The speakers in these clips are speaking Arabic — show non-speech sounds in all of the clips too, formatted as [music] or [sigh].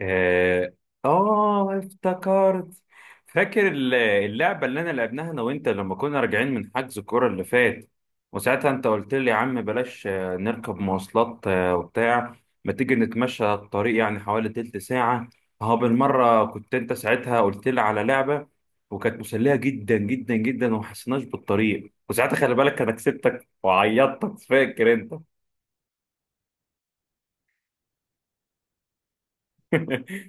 آه. افتكرت. فاكر اللعبة اللي أنا لعبناها أنا وأنت لما كنا راجعين من حجز الكورة اللي فات، وساعتها أنت قلت لي يا عم بلاش نركب مواصلات وبتاع. ما تيجي نتمشى الطريق يعني حوالي تلت ساعة، أهو بالمرة. كنت أنت ساعتها قلت لي على لعبة وكانت مسلية جدا جدا جدا وما حسيناش بالطريق، وساعتها خلي بالك أنا كسبتك وعيطتك، فاكر أنت؟ [laughs]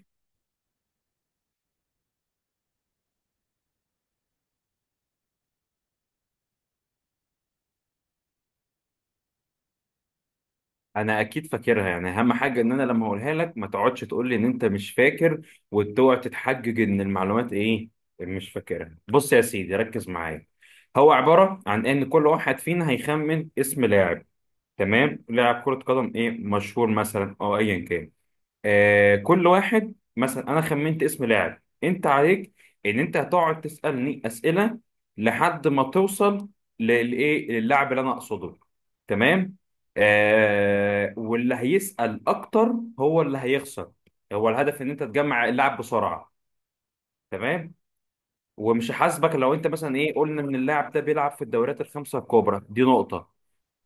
انا اكيد فاكرها. يعني اهم حاجه ان انا لما اقولها لك ما تقعدش تقول لي ان انت مش فاكر وتقعد تتحجج ان المعلومات ايه، مش فاكرها. بص يا سيدي، ركز معايا. هو عباره عن ان كل واحد فينا هيخمن اسم لاعب، تمام؟ لاعب كره قدم ايه، مشهور مثلا او ايا كان. آه، كل واحد مثلا انا خمنت اسم لاعب، انت عليك ان انت هتقعد تسالني اسئله لحد ما توصل للايه، للاعب اللي انا اقصده، تمام؟ آه، واللي هيسال اكتر هو اللي هيخسر. هو الهدف ان انت تجمع اللاعب بسرعه، تمام. ومش هحاسبك لو انت مثلا ايه، قلنا ان اللاعب ده بيلعب في الدوريات الخمسه الكبرى، دي نقطه.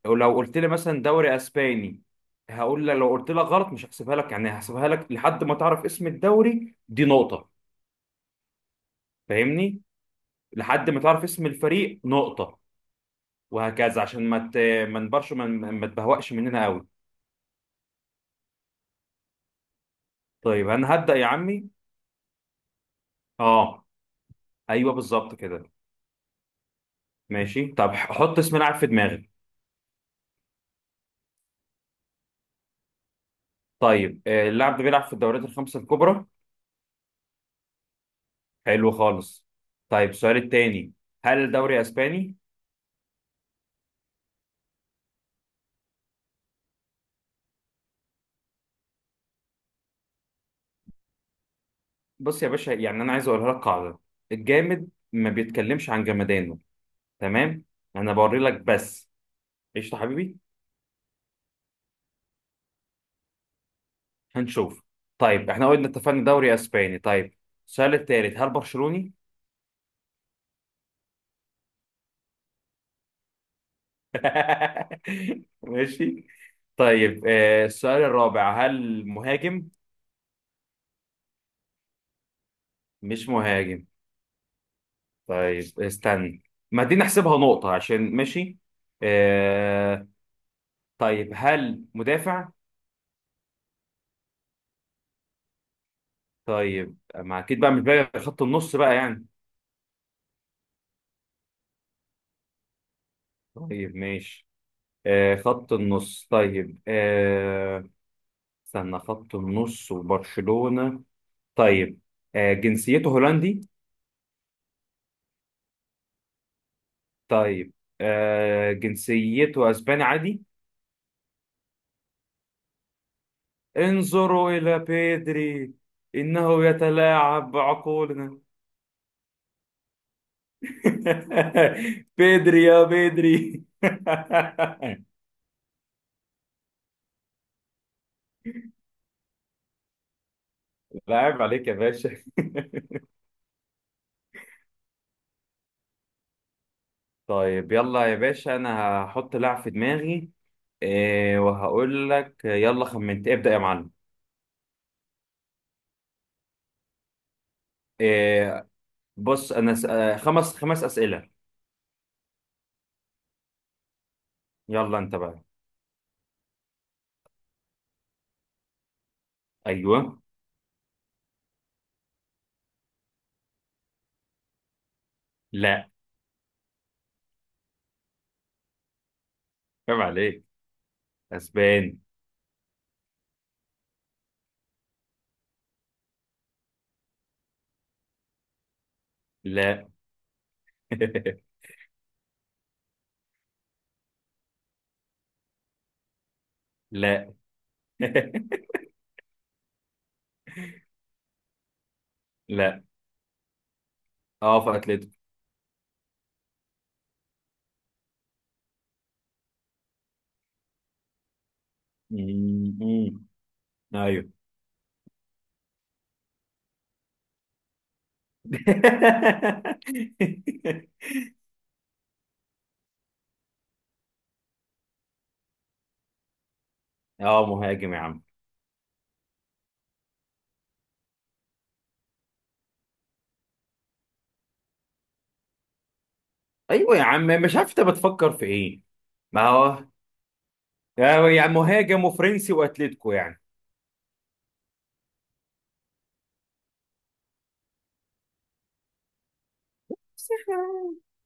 ولو قلت لي مثلا دوري اسباني، هقول لك لو قلت لك غلط مش هحسبها لك، يعني هحسبها لك لحد ما تعرف اسم الدوري، دي نقطة. فاهمني؟ لحد ما تعرف اسم الفريق نقطة، وهكذا عشان ما ت... ما نبرش ما تبهوأش مننا قوي. طيب انا هبدأ يا عمي. اه، ايوه بالظبط كده. ماشي، طب حط اسم لاعب في دماغي. طيب، اللاعب ده بيلعب في الدوريات الخمسة الكبرى. حلو خالص. طيب، السؤال التاني: هل الدوري اسباني؟ بص يا باشا، يعني انا عايز اقولها لك قاعده: الجامد ما بيتكلمش عن جمدانه، تمام؟ انا بوري لك بس. قشطه حبيبي. هنشوف. طيب احنا قلنا اتفقنا دوري اسباني، طيب. السؤال الثالث: هل برشلوني؟ [laughs] ماشي. طيب، السؤال الرابع: هل مهاجم؟ مش مهاجم؟ طيب استنى، ما دي نحسبها نقطه عشان ماشي. آه، طيب، هل مدافع؟ طيب، ما اكيد بقى مش بقى خط النص بقى يعني. طيب ماشي، آه خط النص. طيب آه، استنى، خط النص وبرشلونة. طيب، آه جنسيته هولندي؟ طيب، آه جنسيته اسباني عادي. انظروا إلى بيدري، إنه يتلاعب بعقولنا! [laughs] بيدري يا بيدري! [laughs] لاعب عليك يا باشا. [laughs] طيب يلا يا باشا، انا هحط لاعب في دماغي. آه وهقول لك يلا خمنت، ابدأ يا معلم. إيه؟ بص انا س... آه، خمس خمس اسئله. يلا انت بقى. ايوه. لا، عيب عليك، اسبان. لا. [laughs] لا. [laughs] لا. اه، في اتلتيكو. مم، مم. ايوه. [laughs] اه مهاجم يا عم. ايوه يا عم، مش عارف انت بتفكر في ايه. ما هو يعني مهاجم وفرنسي واتلتيكو يعني.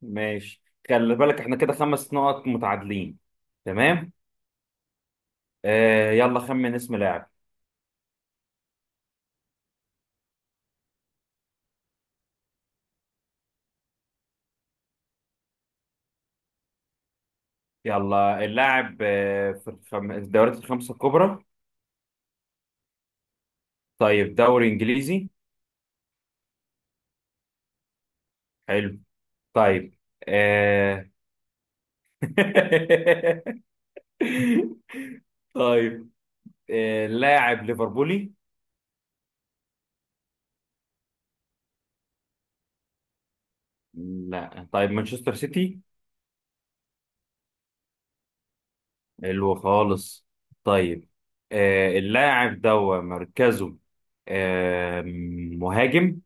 ماشي، خلي بالك احنا كده خمس نقط متعادلين، تمام. آه يلا خمن اسم لاعب. يلا، اللاعب في الدوريات الخمسة الكبرى. طيب، دوري إنجليزي. حلو. طيب آه... [laughs] طيب لاعب ليفربولي؟ لا، طيب مانشستر سيتي. حلو خالص. طيب، آه... اللاعب ده مركزه آه... مهاجم؟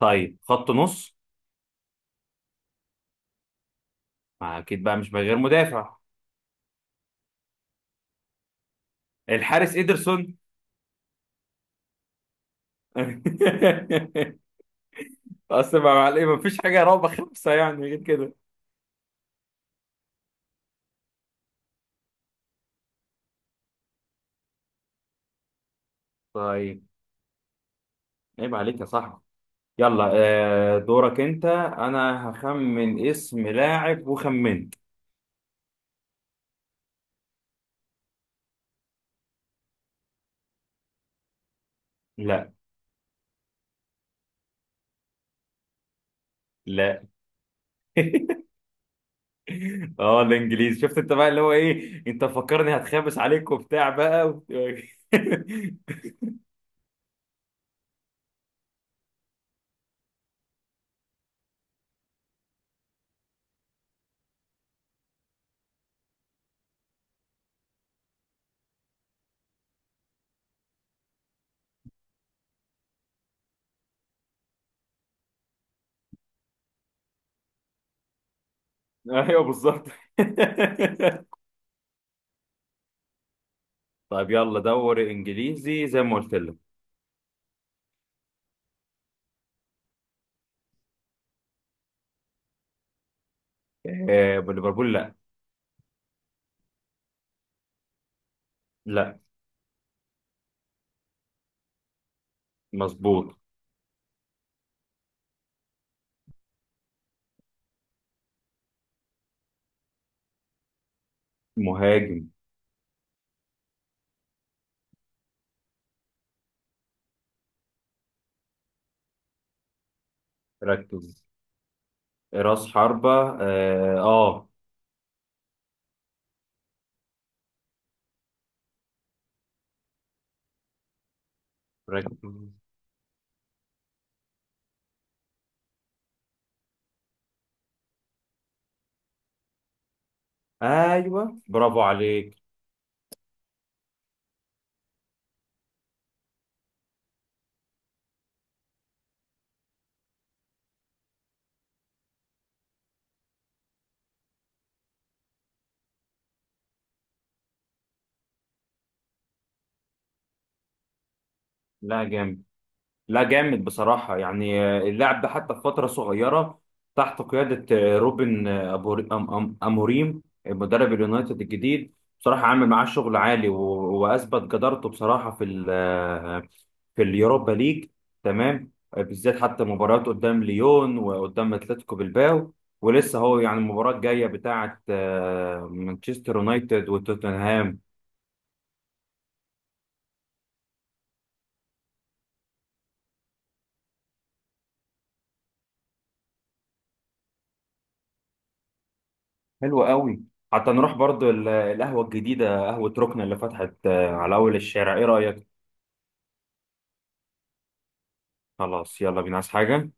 طيب، خط نص؟ ما أكيد بقى مش غير مدافع. الحارس إيدرسون. [laughs] اصل ما مع، ما فيش حاجه رابعه خمسه يعني غير كده. طيب عيب عليك يا صاحبي. يلا، دورك انت. انا هخمن اسم لاعب وخمنت. لا. لا. [laughs] اه الانجليزي، شفت انت بقى اللي هو ايه، انت فكرني هتخابس عليك وبتاع بقى [laughs] ايوه بالظبط. [laughs] طيب يلا دوري انجليزي زي ما قلت لك. ليفربول؟ لا. لا. مظبوط. مهاجم. ركز، راس حربة. اه. آه. ركب. ايوه برافو عليك. لا جامد. لا جامد بصراحه يعني. اللاعب ده حتى في فتره صغيره تحت قياده روبن اموريم مدرب اليونايتد الجديد، بصراحه عامل معاه شغل عالي واثبت جدارته بصراحه في ال آه، في اليوروبا ليج، تمام. بالذات حتى مباريات قدام ليون وقدام اتلتيكو بالباو. ولسه هو يعني المباراه الجايه بتاعه مانشستر يونايتد وتوتنهام. حلو قوي. حتى نروح برضو القهوة الجديدة، قهوة ركن اللي فتحت على أول الشارع، إيه رأيك؟ خلاص يلا بينا، عايز حاجة؟